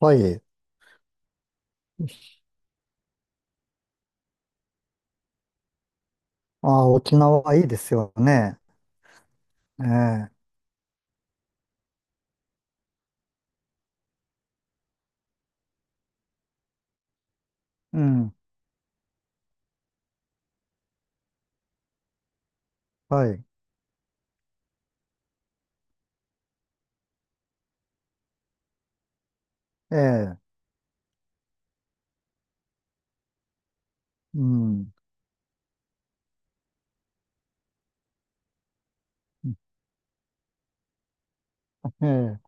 はい。あ、沖縄いいですよね。ええ、うん。はい。ええ、うん。ええ、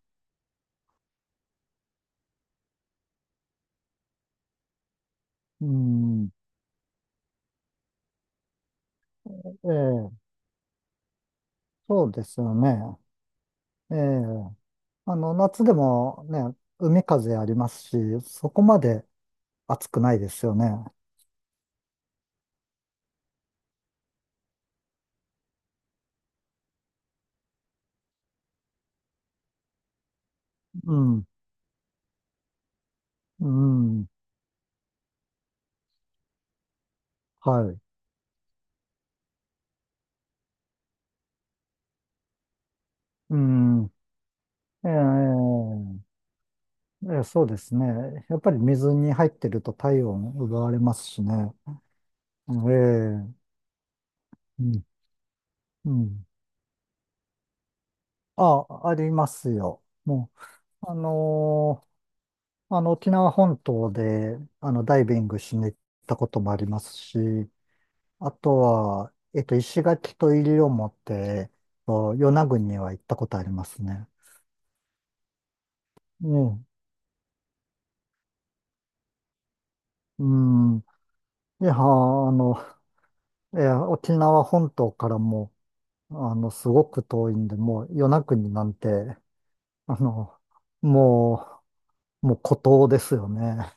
うん。ええ、そうですよね。ええ、あの、夏でもね、海風ありますし、そこまで暑くないですよね。うん。うん。はい。うん。ええ、ええ、そうですね。やっぱり水に入ってると体温奪われますしね。ええ、うん。うん。あ、ありますよ。もう、あの、沖縄本島で、あの、ダイビングしに行ったこともありますし、あとは、石垣と西表、与那国には行ったことありますね。うん。うん。いや、あの、いや、沖縄本島からも、あの、すごく遠いんで、もう、与那国なんて、あの、ももう孤島ですよね。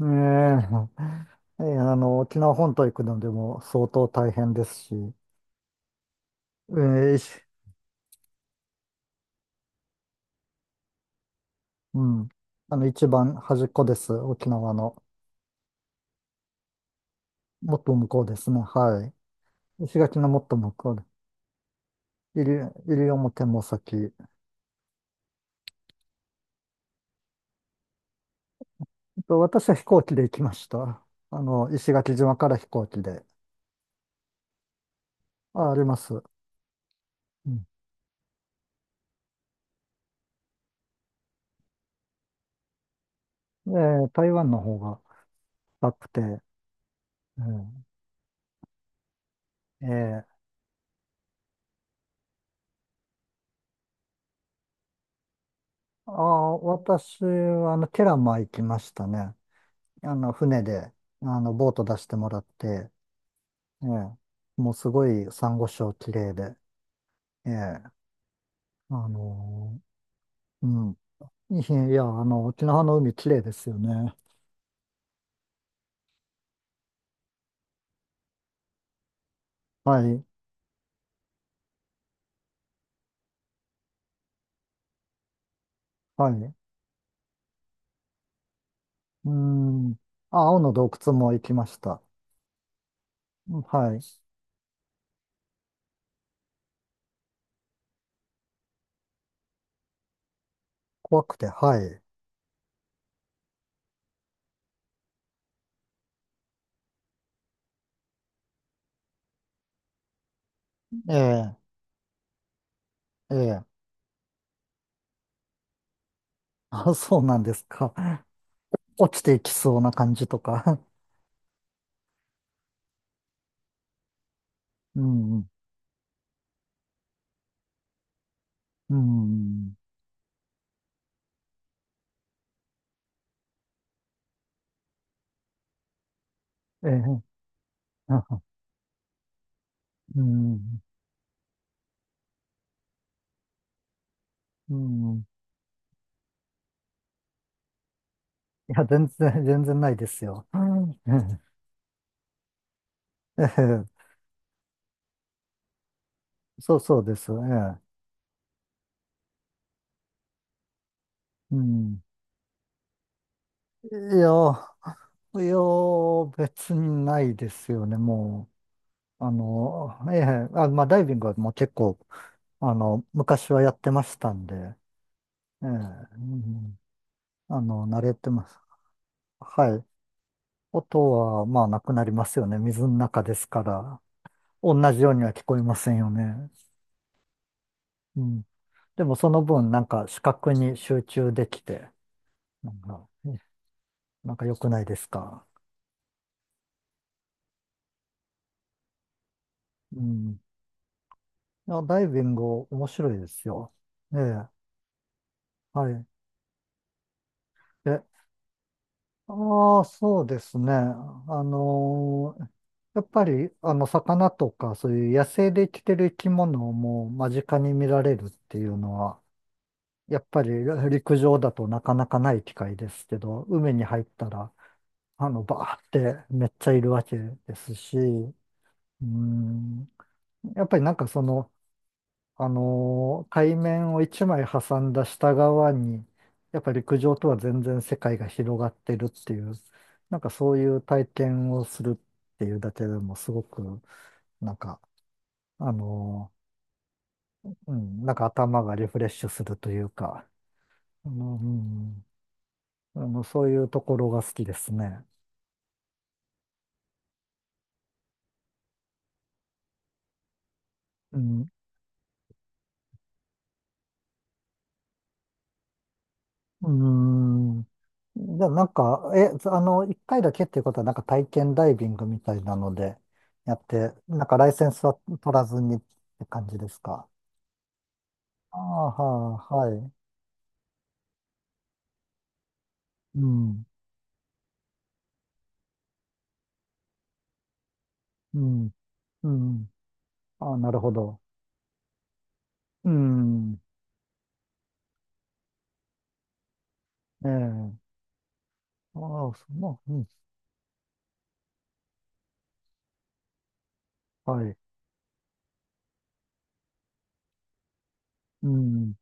ええ ええ、あの、沖縄本島行くのでも相当大変ですし、ええ。うん。あの、一番端っこです。沖縄の。もっと向こうですね。はい。石垣のもっと向こうで。西表も先。と私は飛行機で行きました。あの、石垣島から飛行機で。あ、あります。うん。え、台湾の方が高くて。うん。えーあー、私は、あの、ケラマ行きましたね。あの、船で、あの、ボート出してもらって、ええ、もうすごい珊瑚礁綺麗で、ええ、あのうん。いや、いや、あの、沖縄の海綺麗ですよね。はい、はい。うん。あ、青の洞窟も行きました。はい。怖くて、はい。ええ、ええ。あ、そうなんですか。落ちていきそうな感じとか。うん、うん、ええ、うん、うん。いや、全然、全然ないですよ。うん。ええ、そうそうです。ええ、うん。いや、いや、別にないですよね、もう。あの、ええ、あ、まあ、ダイビングはもう結構、あの、昔はやってましたんで、ええ、うん。あの、慣れてます。はい。音は、まあ、なくなりますよね。水の中ですから。同じようには聞こえませんよね。うん。でも、その分、なんか、視覚に集中できて、なんか、ね、なんか良くないですか。うん。いや、ダイビング面白いですよ。ええ、はい。え、ああ、そうですね。やっぱり、あの、魚とか、そういう野生で生きてる生き物をもう間近に見られるっていうのは、やっぱり陸上だとなかなかない機会ですけど、海に入ったら、あの、バーってめっちゃいるわけですし、うん、やっぱりなんかその、海面を1枚挟んだ下側に、やっぱり陸上とは全然世界が広がってるっていう、なんかそういう体験をするっていうだけでもすごく、なんか、あのうん、なんか頭がリフレッシュするというか、あの、うん、あのそういうところが好きですね。うん。うーん。じゃあなんか、え、あの、1回だけっていうことは、なんか体験ダイビングみたいなのでやって、なんかライセンスは取らずにって感じですか。ああ、はあ、はい。うん、うん、うん。ああ、なるほど。うん、ええ。ああ、その、うん、はい。うん、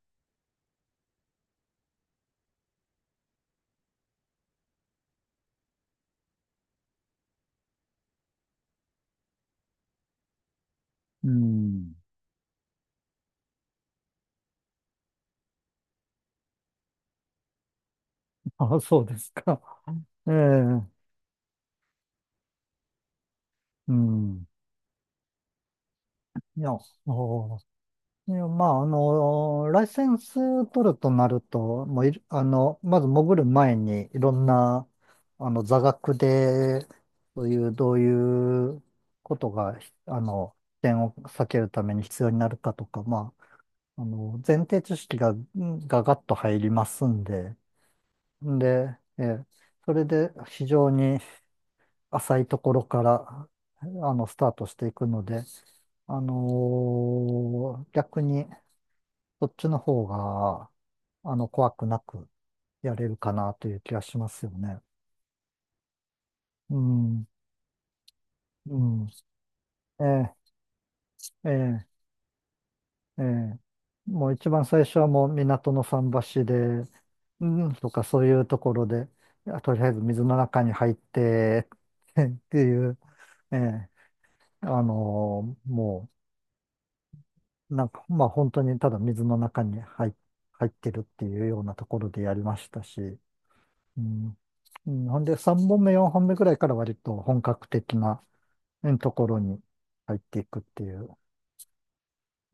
うん。ああ、そうですか。ええ、うん。いや、ああ、いや、まあ、あの、ライセンス取るとなると、もういる、あの、まず潜る前に、いろんな、あの、座学で、そういう、どういうことが、ひあの、危険を避けるために必要になるかとか、まあ、あの、前提知識が、ガッと入りますんで、んで、それで、非常に浅いところから、あの、スタートしていくので、あの逆に、そっちの方が、あの、怖くなくやれるかなという気がしますよね。うん、うん。ええ、ええ、ええ。もう一番最初はもう港の桟橋で、うんとかそういうところで、いやとりあえず水の中に入って っていう、ええ、あのもう、なんか、まあ本当にただ水の中に入ってるっていうようなところでやりましたし、うん。うん。ほんで、3本目、4本目くらいから割と本格的なうんところに入っていくっていう、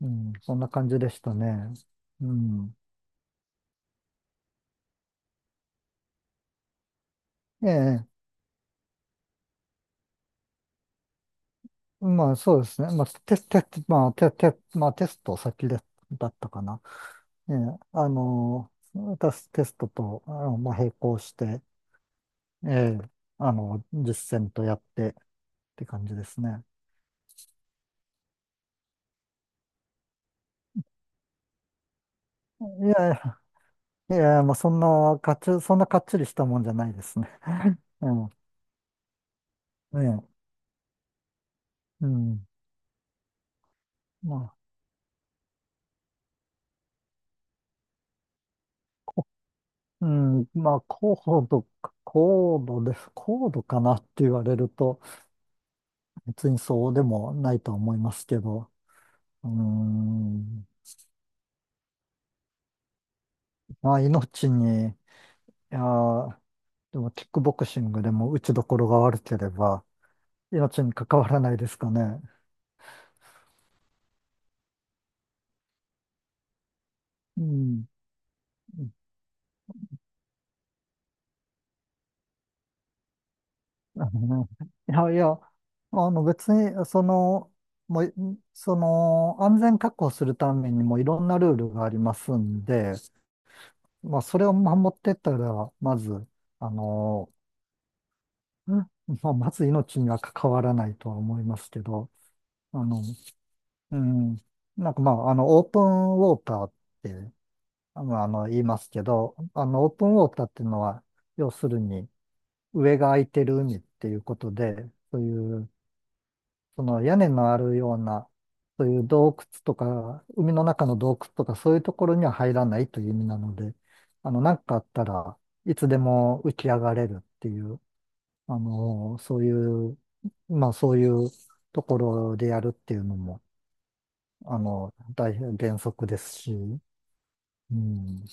うん、そんな感じでしたね。うん。ええ、まあそうですね。まあ、テステまあ、テ、テ、まあ、テスト先で、だったかな。ええ、あの、私テストと、あの、まあ、並行して、ええ、あの、実践とやってって感じですね。いやいや、いや、まあ、そんなかっちりしたもんじゃないですね。うん。ええ。うん。まあ、こ、うん。まあ、度、高度です。高度かなって言われると、別にそうでもないとは思いますけど。うん。まあ、命に、いやー、でも、キックボクシングでも打ちどころが悪ければ、命に関わらないですかね。うん。あのね。いやいや、あの別に、その、もう、その、安全確保するためにもいろんなルールがありますんで、まあ、それを守ってったら、まず、あの、うんまあ、まず命には関わらないとは思いますけど、あの、うん、なんかまあ、あの、オープンウォーターって、あの言いますけど、あの、オープンウォーターっていうのは、要するに、上が空いてる海っていうことで、そういうその屋根のあるような、そういう洞窟とか、海の中の洞窟とか、そういうところには入らないという意味なので、あの、なんかあったらいつでも浮き上がれるっていう、あの、そういう、まあそういうところでやるっていうのも、あの、大変原則ですし、うん。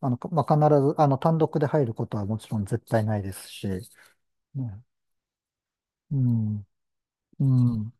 あの、まあ、必ず、あの、単独で入ることはもちろん絶対ないですし、ね、うん、うん。